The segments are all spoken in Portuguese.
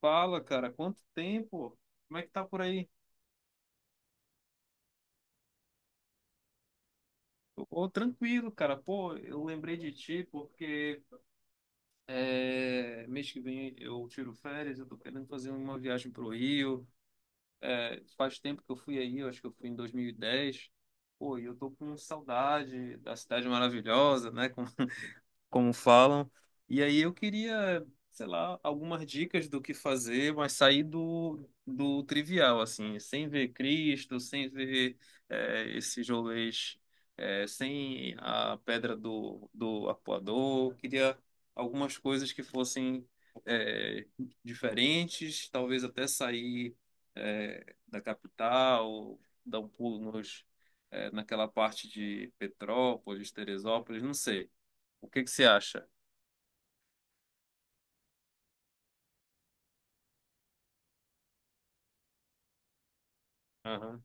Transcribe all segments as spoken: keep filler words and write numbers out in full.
Fala, cara, quanto tempo? Como é que tá por aí? Ô, tranquilo, cara. Pô, eu lembrei de ti porque é, mês que vem eu tiro férias, eu tô querendo fazer uma viagem pro Rio. É, faz tempo que eu fui aí, eu acho que eu fui em dois mil e dez. Pô, e eu tô com saudade da cidade maravilhosa, né? como falam. E aí eu queria, sei lá, algumas dicas do que fazer, mas sair do, do trivial, assim, sem ver Cristo, sem ver é, esses rolês, é, sem a pedra do, do arpoador. Queria algumas coisas que fossem é, diferentes, talvez até sair é, da capital, dar um pulo nos, é, naquela parte de Petrópolis, Teresópolis, não sei. O que que você acha? Aham,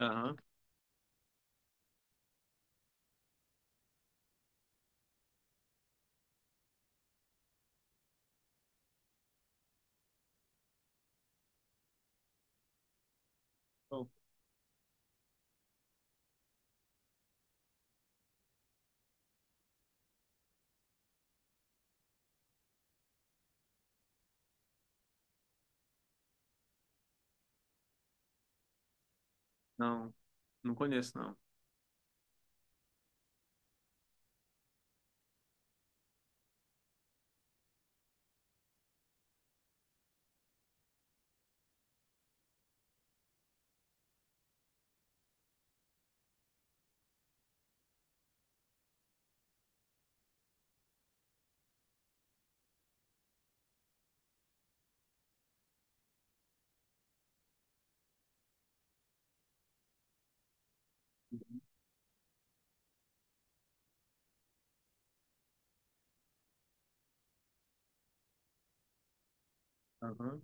aham. Bom. Não, não conheço, não. Uhum. Aham.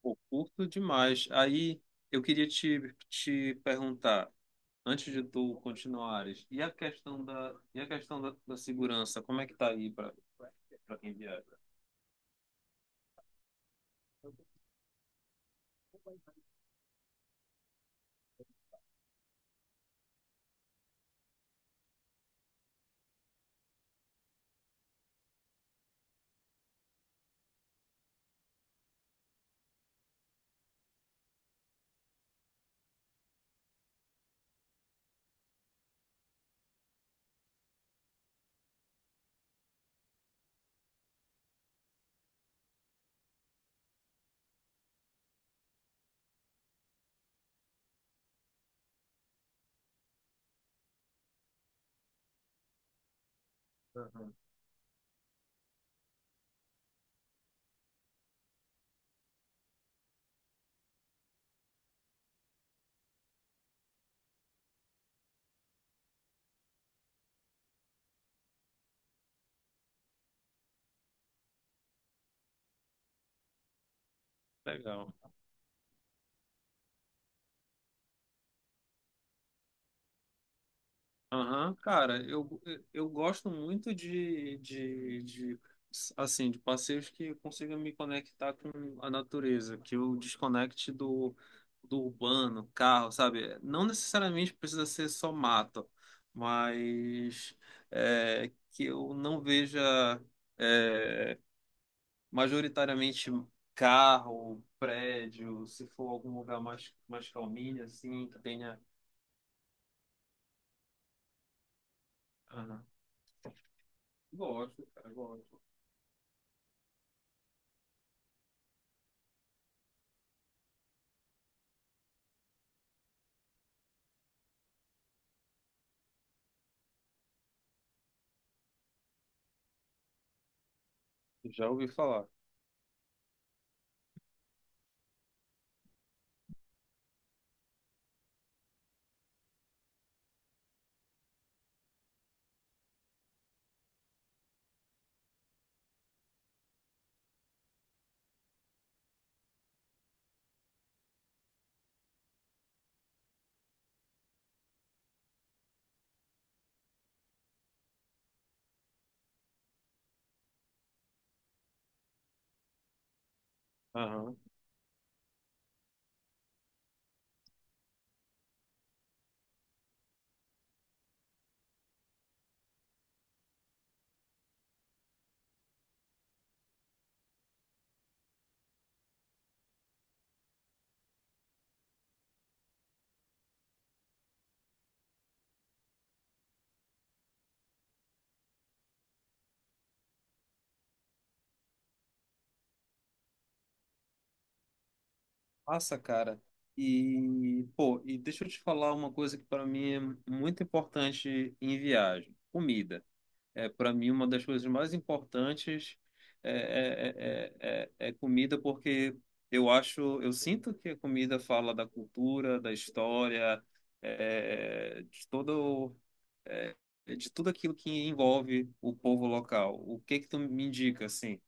Pô, curto demais. Aí eu queria te, te perguntar, antes de tu continuares, e a questão da, e a questão da, da segurança, como é que tá aí para para quem viaja? Aham. Legal. Aham, cara, eu, eu gosto muito de, de, de, assim, de passeios que consigam me conectar com a natureza, que eu desconecte do, do urbano, carro, sabe? Não necessariamente precisa ser só mato, mas é, que eu não veja é, majoritariamente carro, prédio, se for algum lugar mais, mais calminho, assim, que tenha... Aham. Gosto, cara, gosto. Já ouvi falar. Aham. Nossa, cara. E, pô, e deixa eu te falar uma coisa que para mim é muito importante em viagem. Comida. É para mim uma das coisas mais importantes é, é, é, é, é é comida porque eu acho, eu sinto que a comida fala da cultura, da história, é, de todo, é, de tudo aquilo que envolve o povo local. O que que tu me indica, assim?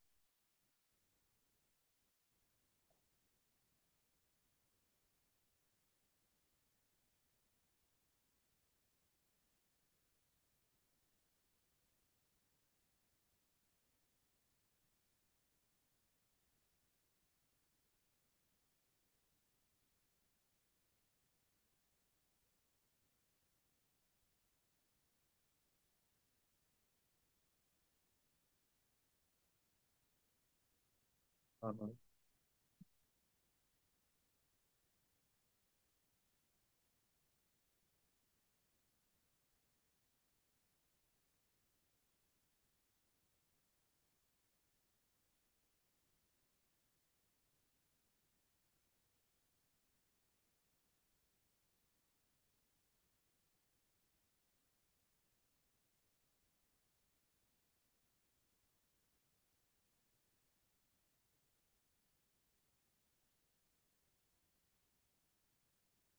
Aham.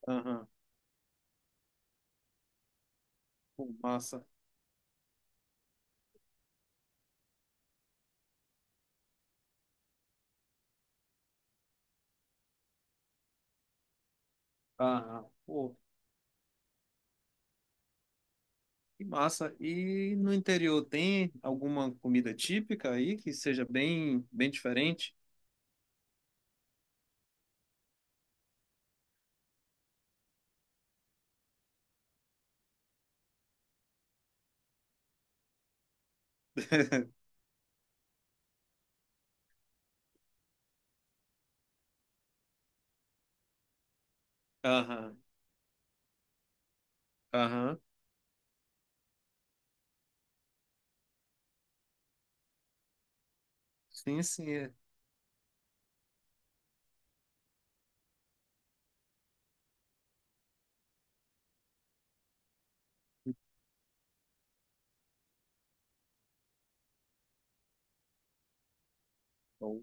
Aham. Pô, massa. Ah Pô, que massa. E no interior tem alguma comida típica aí que seja bem, bem diferente? Aham, aham. Sim, sim. É. Bom,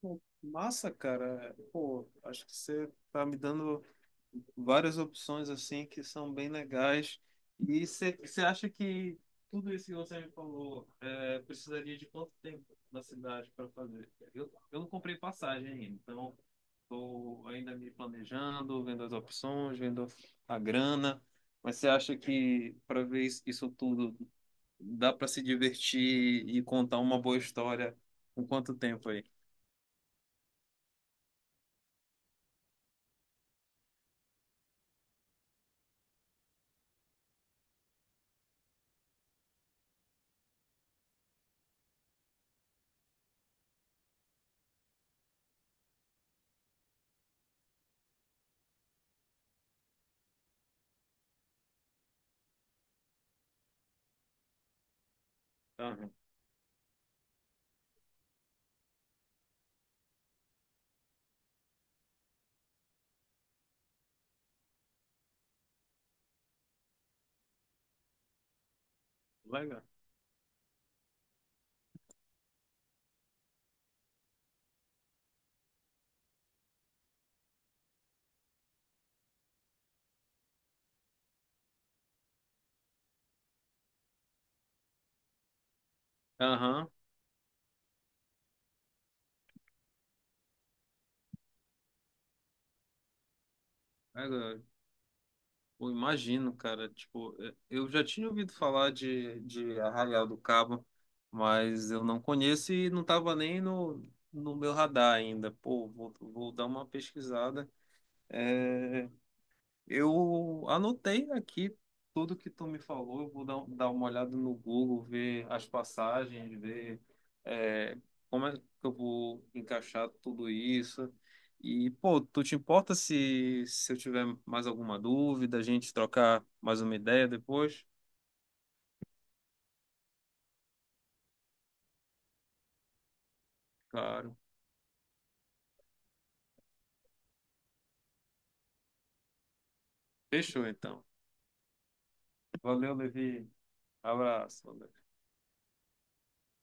pô, massa, cara. Pô, acho que você tá me dando várias opções assim que são bem legais. E você acha que tudo isso que você me falou é, precisaria de quanto tempo na cidade para fazer? Eu, eu não comprei passagem ainda, então estou ainda me planejando, vendo as opções, vendo a grana. Mas você acha que para ver isso isso tudo dá para se divertir e contar uma boa história com quanto tempo aí? Aham, legal. Aham, legal. Eu imagino, cara. Tipo, eh, eu já tinha ouvido falar de, de Arraial do Cabo, mas eu não conheço e não estava nem no, no meu radar ainda. Pô, vou, vou dar uma pesquisada. É, eu anotei aqui tudo que tu me falou. Eu vou dar, dar uma olhada no Google, ver as passagens, ver é, como é que eu vou encaixar tudo isso. E, pô, tu te importa se, se eu tiver mais alguma dúvida, a gente trocar mais uma ideia depois? Claro. Fechou, então. Valeu, Levi. Abraço.